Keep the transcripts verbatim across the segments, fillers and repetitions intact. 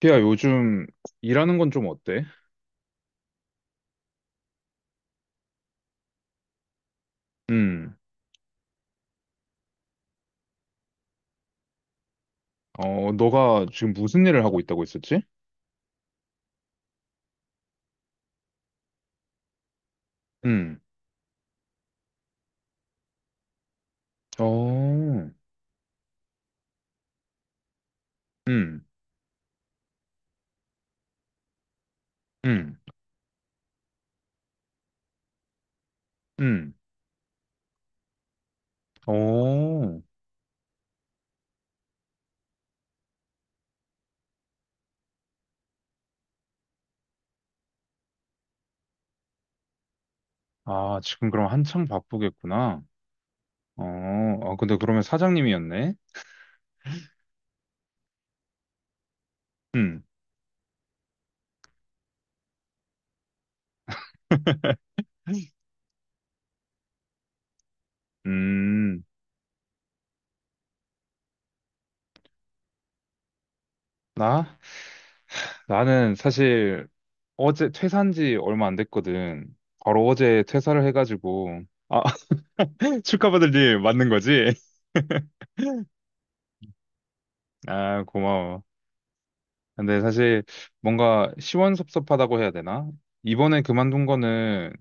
피야, 요즘 일하는 건 좀 어때? 음. 어, 너가 지금 무슨 일을 하고 있다고 했었지? 음. 어. 음. 음. 음. 어. 아, 지금 그럼 한창 바쁘겠구나. 어. 어, 근데 그러면 사장님이었네. 음. 음. 나? 나는 사실 어제 퇴사한 지 얼마 안 됐거든. 바로 어제 퇴사를 해가지고. 아, 축하받을 일 맞는 거지? 아, 고마워. 근데 사실 뭔가 시원섭섭하다고 해야 되나? 이번에 그만둔 거는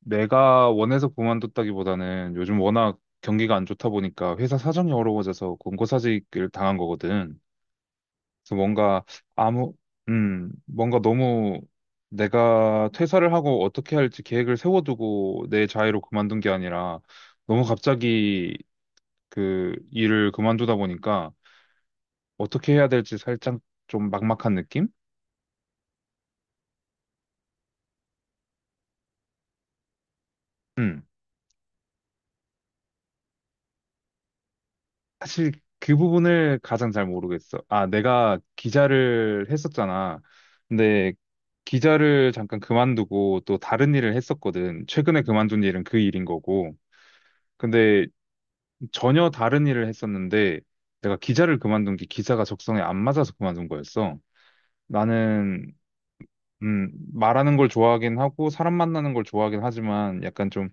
내가 원해서 그만뒀다기보다는 요즘 워낙 경기가 안 좋다 보니까 회사 사정이 어려워져서 권고사직을 당한 거거든. 그래서 뭔가 아무, 음, 뭔가 너무 내가 퇴사를 하고 어떻게 할지 계획을 세워두고 내 자유로 그만둔 게 아니라 너무 갑자기 그 일을 그만두다 보니까 어떻게 해야 될지 살짝 좀 막막한 느낌? 음. 사실 그 부분을 가장 잘 모르겠어. 아, 내가 기자를 했었잖아. 근데 기자를 잠깐 그만두고 또 다른 일을 했었거든. 최근에 그만둔 일은 그 일인 거고. 근데 전혀 다른 일을 했었는데 내가 기자를 그만둔 게 기사가 적성에 안 맞아서 그만둔 거였어. 나는 음, 말하는 걸 좋아하긴 하고 사람 만나는 걸 좋아하긴 하지만 약간 좀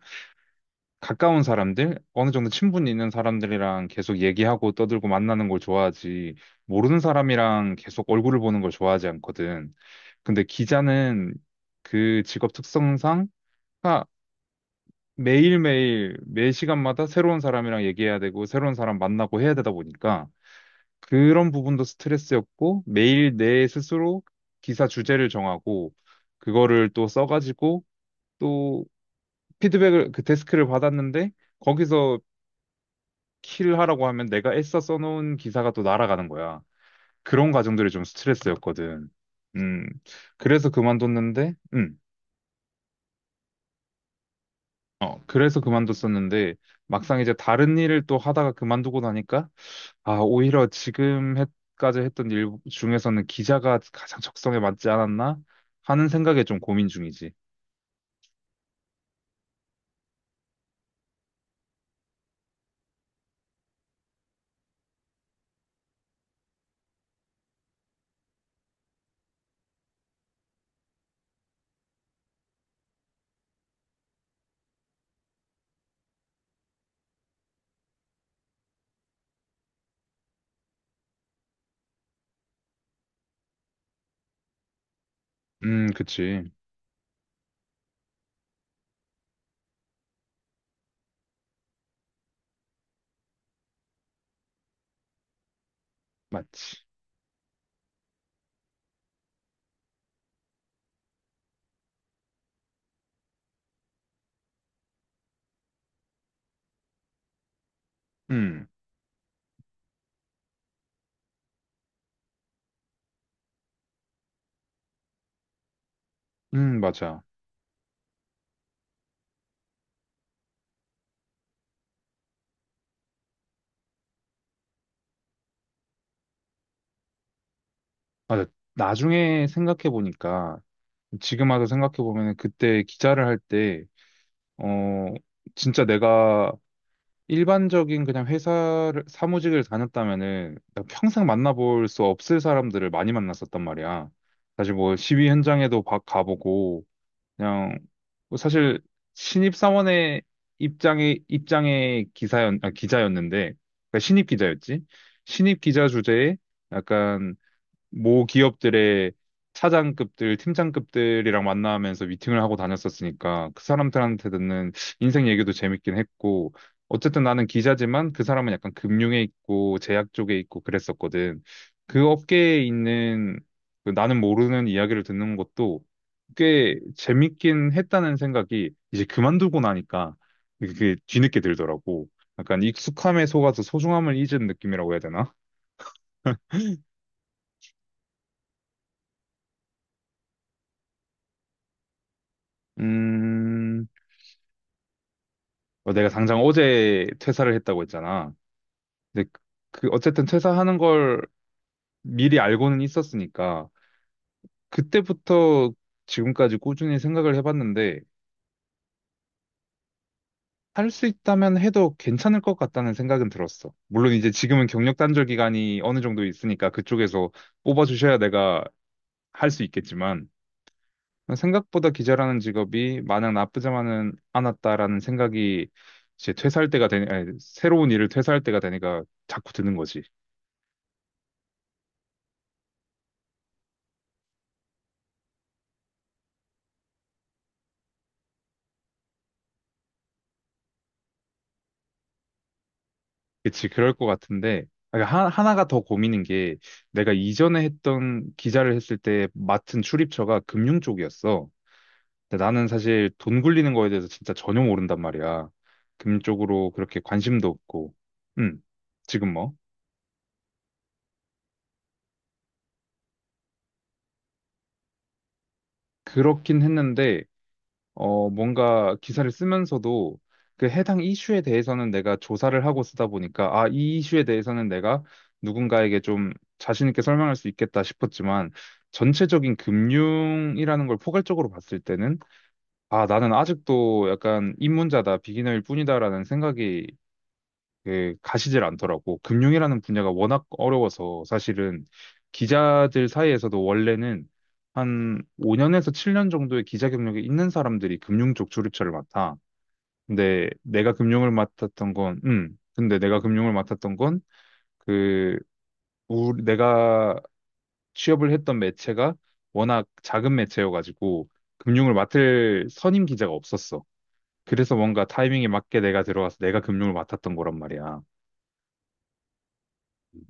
가까운 사람들, 어느 정도 친분이 있는 사람들이랑 계속 얘기하고 떠들고 만나는 걸 좋아하지, 모르는 사람이랑 계속 얼굴을 보는 걸 좋아하지 않거든. 근데 기자는 그 직업 특성상 아, 매일매일, 매 시간마다 새로운 사람이랑 얘기해야 되고, 새로운 사람 만나고 해야 되다 보니까, 그런 부분도 스트레스였고, 매일 내 스스로 기사 주제를 정하고, 그거를 또 써가지고, 또 피드백을, 그 데스크를 받았는데, 거기서 키를 하라고 하면 내가 애써 써놓은 기사가 또 날아가는 거야. 그런 과정들이 좀 스트레스였거든. 음, 그래서 그만뒀는데, 음, 어, 그래서 그만뒀었는데, 막상 이제 다른 일을 또 하다가 그만두고 나니까, 아, 오히려 지금 까지 했던 일 중에서는 기자가 가장 적성에 맞지 않았나 하는 생각에 좀 고민 중이지. 음, 그치. 맞지. 음, 음, 맞아. 맞아. 나중에 생각해 보니까, 지금 와서 생각해 보면 그때 기자를 할때 어, 진짜 내가 일반적인 그냥 회사를, 사무직을 다녔다면은 나 평생 만나볼 수 없을 사람들을 많이 만났었단 말이야. 사실 뭐 시위 현장에도 바- 가보고, 그냥, 뭐 사실 신입사원의 입장에, 입장의 기사였, 아, 기자였는데, 그러니까 신입 기자였지? 신입 기자 주제에 약간 모 기업들의 차장급들, 팀장급들이랑 만나면서 미팅을 하고 다녔었으니까 그 사람들한테 듣는 인생 얘기도 재밌긴 했고 어쨌든 나는 기자지만 그 사람은 약간 금융에 있고 제약 쪽에 있고 그랬었거든. 그 업계에 있는 그 나는 모르는 이야기를 듣는 것도 꽤 재밌긴 했다는 생각이 이제 그만두고 나니까 그게 뒤늦게 들더라고. 약간 익숙함에 속아서 소중함을 잊은 느낌이라고 해야 되나? 음, 어, 내가 당장 어제 퇴사를 했다고 했잖아. 근데 그 그 어쨌든 퇴사하는 걸 미리 알고는 있었으니까 그때부터 지금까지 꾸준히 생각을 해봤는데 할 수 있다면 해도 괜찮을 것 같다는 생각은 들었어. 물론 이제 지금은 경력 단절 기간이 어느 정도 있으니까 그쪽에서 뽑아주셔야 내가 할 수 있겠지만 생각보다 기자라는 직업이 마냥 나쁘지만은 않았다라는 생각이 이제 퇴사할 때가 되니, 아니, 새로운 일을 퇴사할 때가 되니까 자꾸 드는 거지. 그치, 그럴 것 같은데, 아, 그러니까 하, 하나가 더 고민인 게, 내가 이전에 했던 기자를 했을 때 맡은 출입처가 금융 쪽이었어. 근데 나는 사실 돈 굴리는 거에 대해서 진짜 전혀 모른단 말이야. 금융 쪽으로 그렇게 관심도 없고, 음, 지금 뭐. 그렇긴 했는데, 어, 뭔가 기사를 쓰면서도 그 해당 이슈에 대해서는 내가 조사를 하고 쓰다 보니까 아, 이 이슈에 대해서는 내가 누군가에게 좀 자신 있게 설명할 수 있겠다 싶었지만 전체적인 금융이라는 걸 포괄적으로 봤을 때는 아, 나는 아직도 약간 입문자다, 비기너일 뿐이다라는 생각이 그 가시질 않더라고. 금융이라는 분야가 워낙 어려워서 사실은 기자들 사이에서도 원래는 한 오 년에서 칠 년 정도의 기자 경력이 있는 사람들이 금융 쪽 주류처를 맡아. 근데 내가 금융을 맡았던 건, 음, 근데 내가 금융을 맡았던 건 그, 우리, 내가 취업을 했던 매체가 워낙 작은 매체여가지고 금융을 맡을 선임 기자가 없었어. 그래서 뭔가 타이밍에 맞게 내가 들어가서 내가 금융을 맡았던 거란 말이야.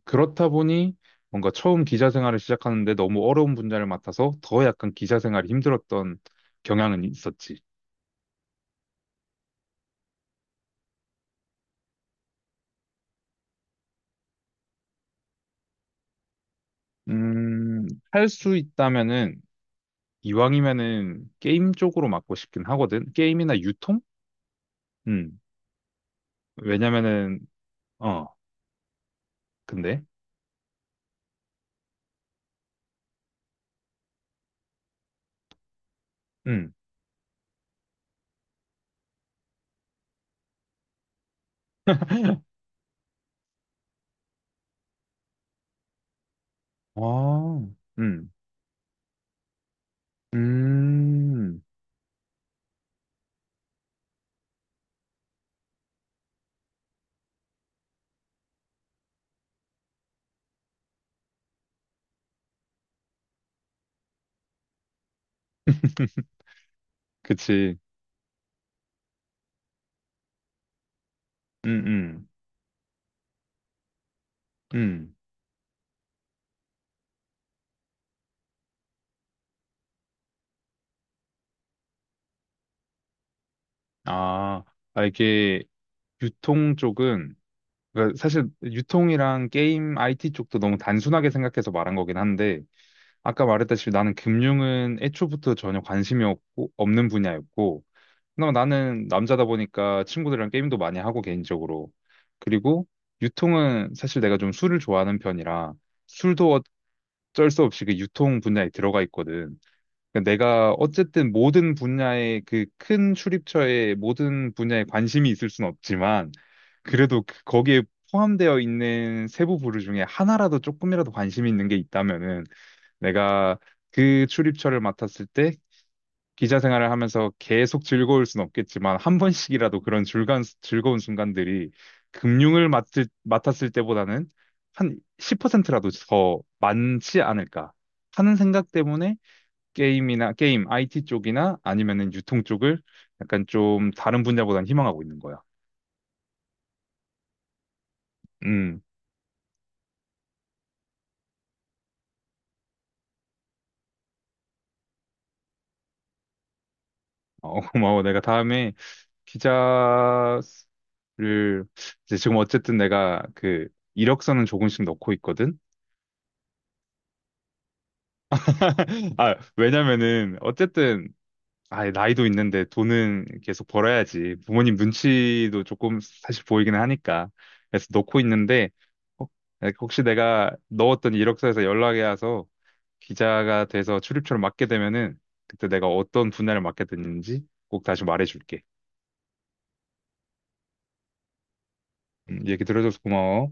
그렇다 보니 뭔가 처음 기자 생활을 시작하는데 너무 어려운 분야를 맡아서 더 약간 기자 생활이 힘들었던 경향은 있었지. 음, 할 수 있다면은 이왕이면은 게임 쪽으로 맡고 싶긴 하거든. 게임이나 유통? 음. 왜냐면은 어, 근데 음. 아. 음. 음. 그치. 음, 음, 음. 아, 아, 이게 유통 쪽은 그러니까 사실 유통이랑 게임 아이티 쪽도 너무 단순하게 생각해서 말한 거긴 한데 아까 말했다시피 나는 금융은 애초부터 전혀 관심이 없고 없는 분야였고 그나마 나는 남자다 보니까 친구들이랑 게임도 많이 하고 개인적으로 그리고 유통은 사실 내가 좀 술을 좋아하는 편이라 술도 어쩔 수 없이 그 유통 분야에 들어가 있거든. 그러니까 내가 어쨌든 모든 분야의 그 큰 출입처에 모든 분야에 관심이 있을 순 없지만 그래도 그- 거기에 포함되어 있는 세부 부류 중에 하나라도 조금이라도 관심이 있는 게 있다면은 내가 그 출입처를 맡았을 때 기자 생활을 하면서 계속 즐거울 순 없겠지만 한 번씩이라도 그런 즐간, 즐거운 순간들이 금융을 맡을, 맡았을 때보다는 한 십 퍼센트라도 더 많지 않을까 하는 생각 때문에 게임이나 게임, 아이티 쪽이나 아니면은 유통 쪽을 약간 좀 다른 분야보다는 희망하고 있는 거야. 음, 어, 고마워. 내가 다음에 피자를 이제 지금 어쨌든 내가 그 이력서는 조금씩 넣고 있거든. 아, 왜냐면은 어쨌든 아, 나이도 있는데 돈은 계속 벌어야지. 부모님 눈치도 조금 사실 보이기는 하니까. 그래서 넣고 있는데 혹- 혹시 내가 넣었던 이력서에서 연락이 와서 기자가 돼서 출입처를 맡게 되면은 그때 내가 어떤 분야를 맡게 됐는지 꼭 다시 말해줄게. 음, 얘기 들어줘서 고마워.